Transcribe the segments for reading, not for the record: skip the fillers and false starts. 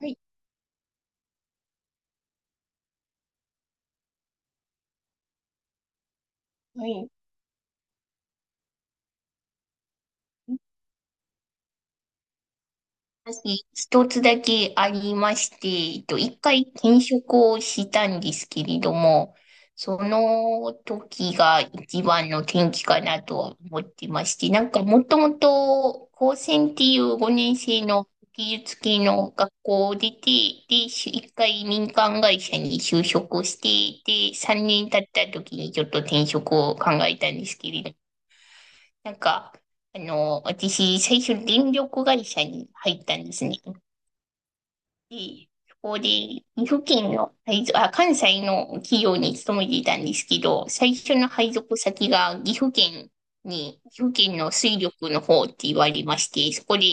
はい、はい、私、一つだけありまして、一回転職をしたんですけれども、その時が一番の転機かなとは思ってまして、なんかもともと高専っていう5年生の技術系の学校を出て、で、一回民間会社に就職して、で、3年経った時にちょっと転職を考えたんですけれど、なんか、私、最初、電力会社に入ったんですね。で、そこで、岐阜県の配属、あ、関西の企業に勤めていたんですけど、最初の配属先が岐阜県の水力の方って言われまして、そこで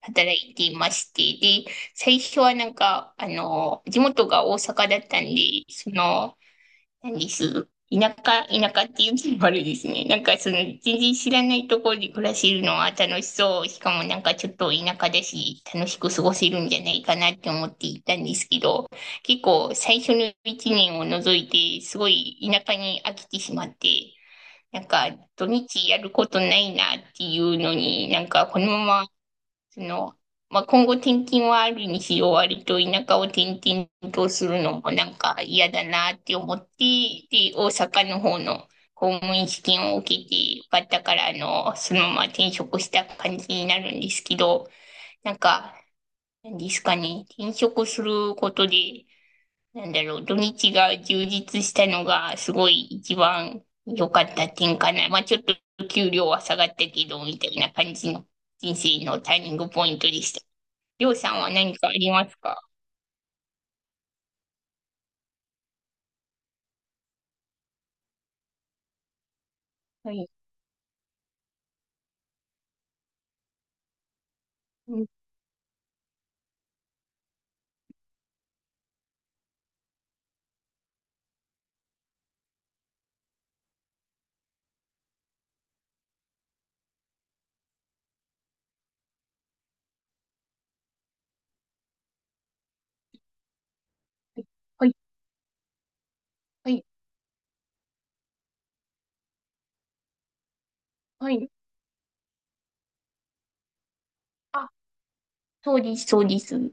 働いていまして、で、最初はなんか、地元が大阪だったんで、その、何です。田舎っていうのもあれですね。なんかその全然知らないところで暮らせるのは楽しそう。しかもなんかちょっと田舎だし、楽しく過ごせるんじゃないかなって思っていたんですけど、結構最初の一年を除いて、すごい田舎に飽きてしまって、なんか土日やることないなっていうのに、なんかこのままその、まあ、今後転勤はあるにしろ、割と田舎を転々とするのもなんか嫌だなって思って、で、大阪の方の公務員試験を受けてよかったから、そのまま転職した感じになるんですけど、なんか、なんですかね、転職することで、なんだろう、土日が充実したのがすごい一番良かった点かな。まあ、ちょっと給料は下がったけど、みたいな感じの人生のターニングポイントでした。りょうさんは何かありますか？はい。うん。はい、はい、はい。あ、そうです、そうです。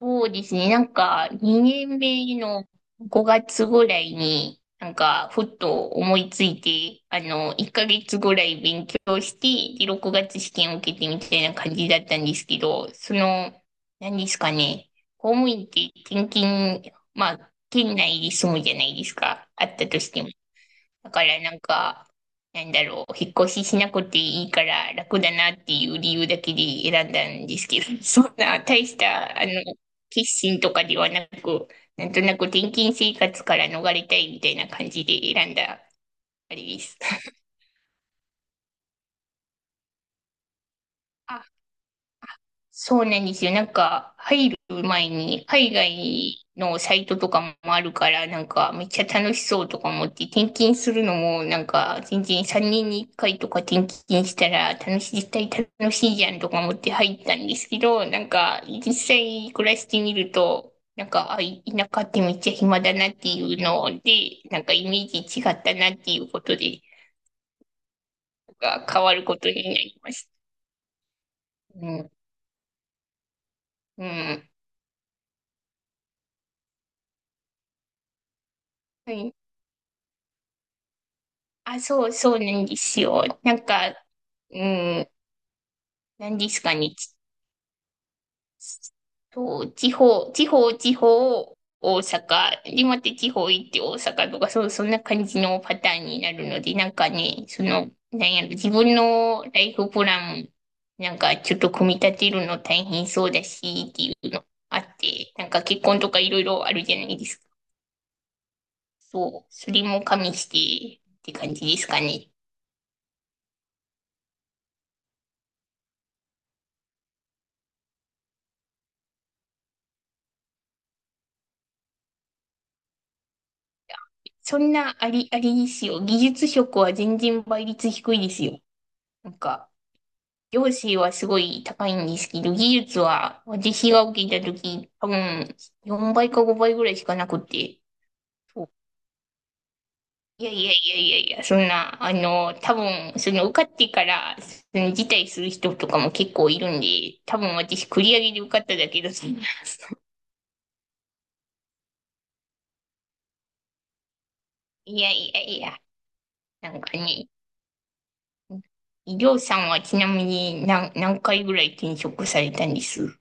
そうですね。なんか、2年目の5月ぐらいに、なんか、ふっと思いついて、1ヶ月ぐらい勉強して、で、6月試験を受けてみたいな感じだったんですけど、その、何ですかね。公務員って転勤、まあ、県内で住むじゃないですか。あったとしても。だからなんか、なんだろう、引っ越ししなくていいから楽だなっていう理由だけで選んだんですけど、そんな大した、決心とかではなく、なんとなく転勤生活から逃れたいみたいな感じで選んだあれです。そうなんですよ。なんか、入る前に、海外のサイトとかもあるから、なんか、めっちゃ楽しそうとか思って、転勤するのも、なんか、全然3年に1回とか転勤したら、楽しい、絶対楽しいじゃんとか思って入ったんですけど、なんか、実際暮らしてみると、なんか、田舎ってめっちゃ暇だなっていうので、なんかイメージ違ったなっていうことで、なんか変わることになりました。うん。うん。はい。あ、そう、そうなんですよ。なんか、うん、なんですかね。そう、地方、大阪。で、また地方行って大阪とか、そう、そんな感じのパターンになるので、なんかね、その、なんやろ、自分のライフプラン、なんかちょっと組み立てるの大変そうだし、っていうのあって、なんか結婚とかいろいろあるじゃないですか。そう、それも加味して、って感じですかね。そんなあり、ありですよ。技術職は全然倍率低いですよ。なんか、行政はすごい高いんですけど、技術は私が受けた時多分4倍か5倍ぐらいしかなくて。そう、いやいやいやいやいや、そんな、多分、その受かってから、その辞退する人とかも結構いるんで、多分私繰り上げで受かっただけど、そんな。いやいやいや、なんかね、りょうさんはちなみに何、何回ぐらい転職されたんです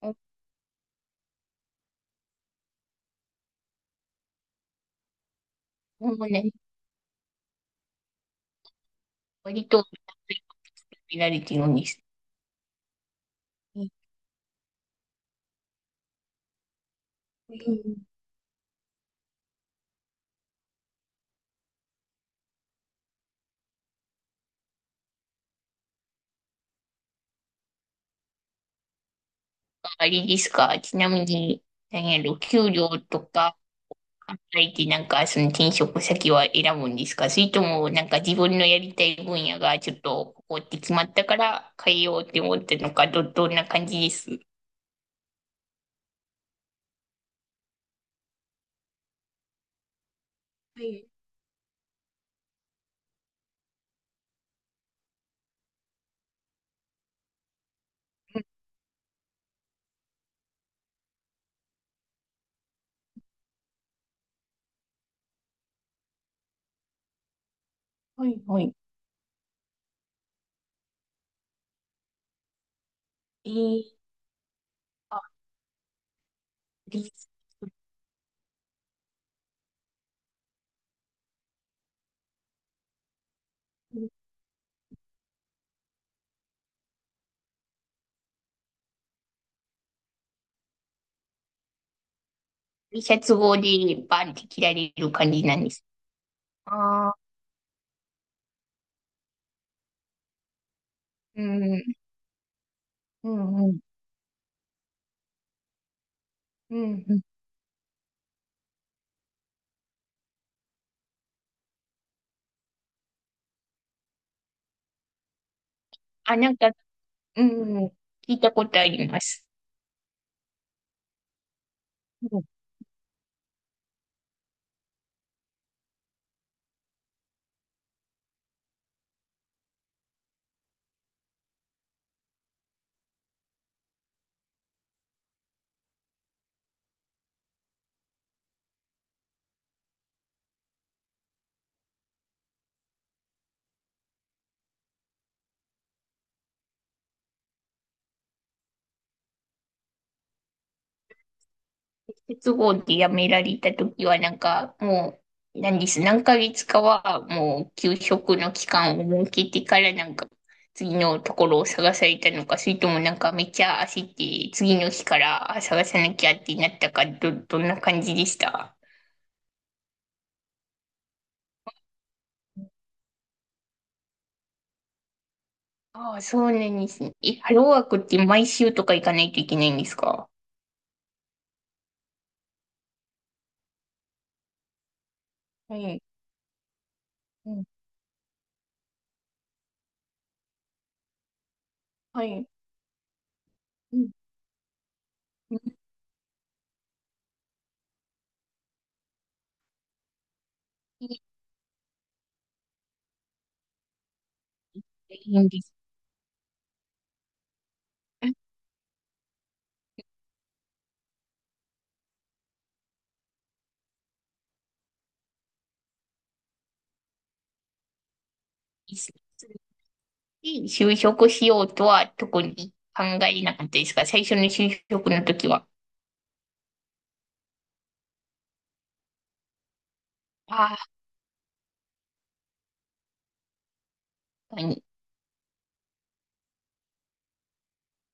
ここ、もうね、割とピラリティのにして、うん。あれですか、ちなみに、何やろ、給料とか考えて、なんか、その転職先は選ぶんですか？それとも、なんか自分のやりたい分野がちょっと、ここって決まったから変えようって思ったのか、どんな感じです？はい、はい、はい。えー、あ、リ、リシャツ号でバンって切られる感じなんです？ああ、うん、うん、うん、うん。うん。あ、なんか、うん、聞いたことあります。うん。鉄棒でやめられたときは、なんか、もう、何です、何ヶ月かは、もう、休職の期間を設けてから、なんか、次のところを探されたのか、それともなんか、めっちゃ焦って、次の日から探さなきゃってなったか、どんな感じでした？ああ、そうなんですね。え、ハローワークって毎週とか行かないといけないんですか？はい。うん、はい。うん、うん。いいいいんです。うん。いいですいい就職しようとは特に考えなかったですが、最初の就職の時は、ああ、に、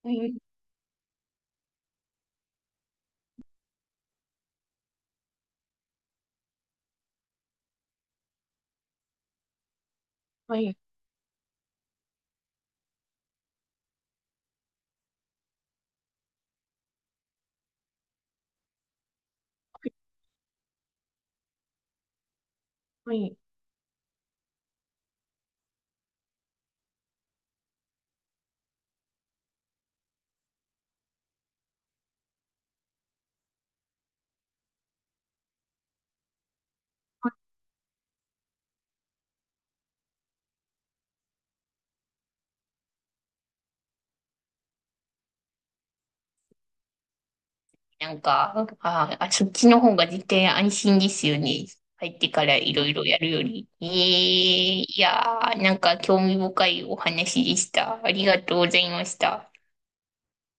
うん、うん。なんか、ああ、そっちの方が絶対安心ですよね。入ってからいろいろやるより。ええ、いやー、なんか興味深いお話でした。ありがとうございました。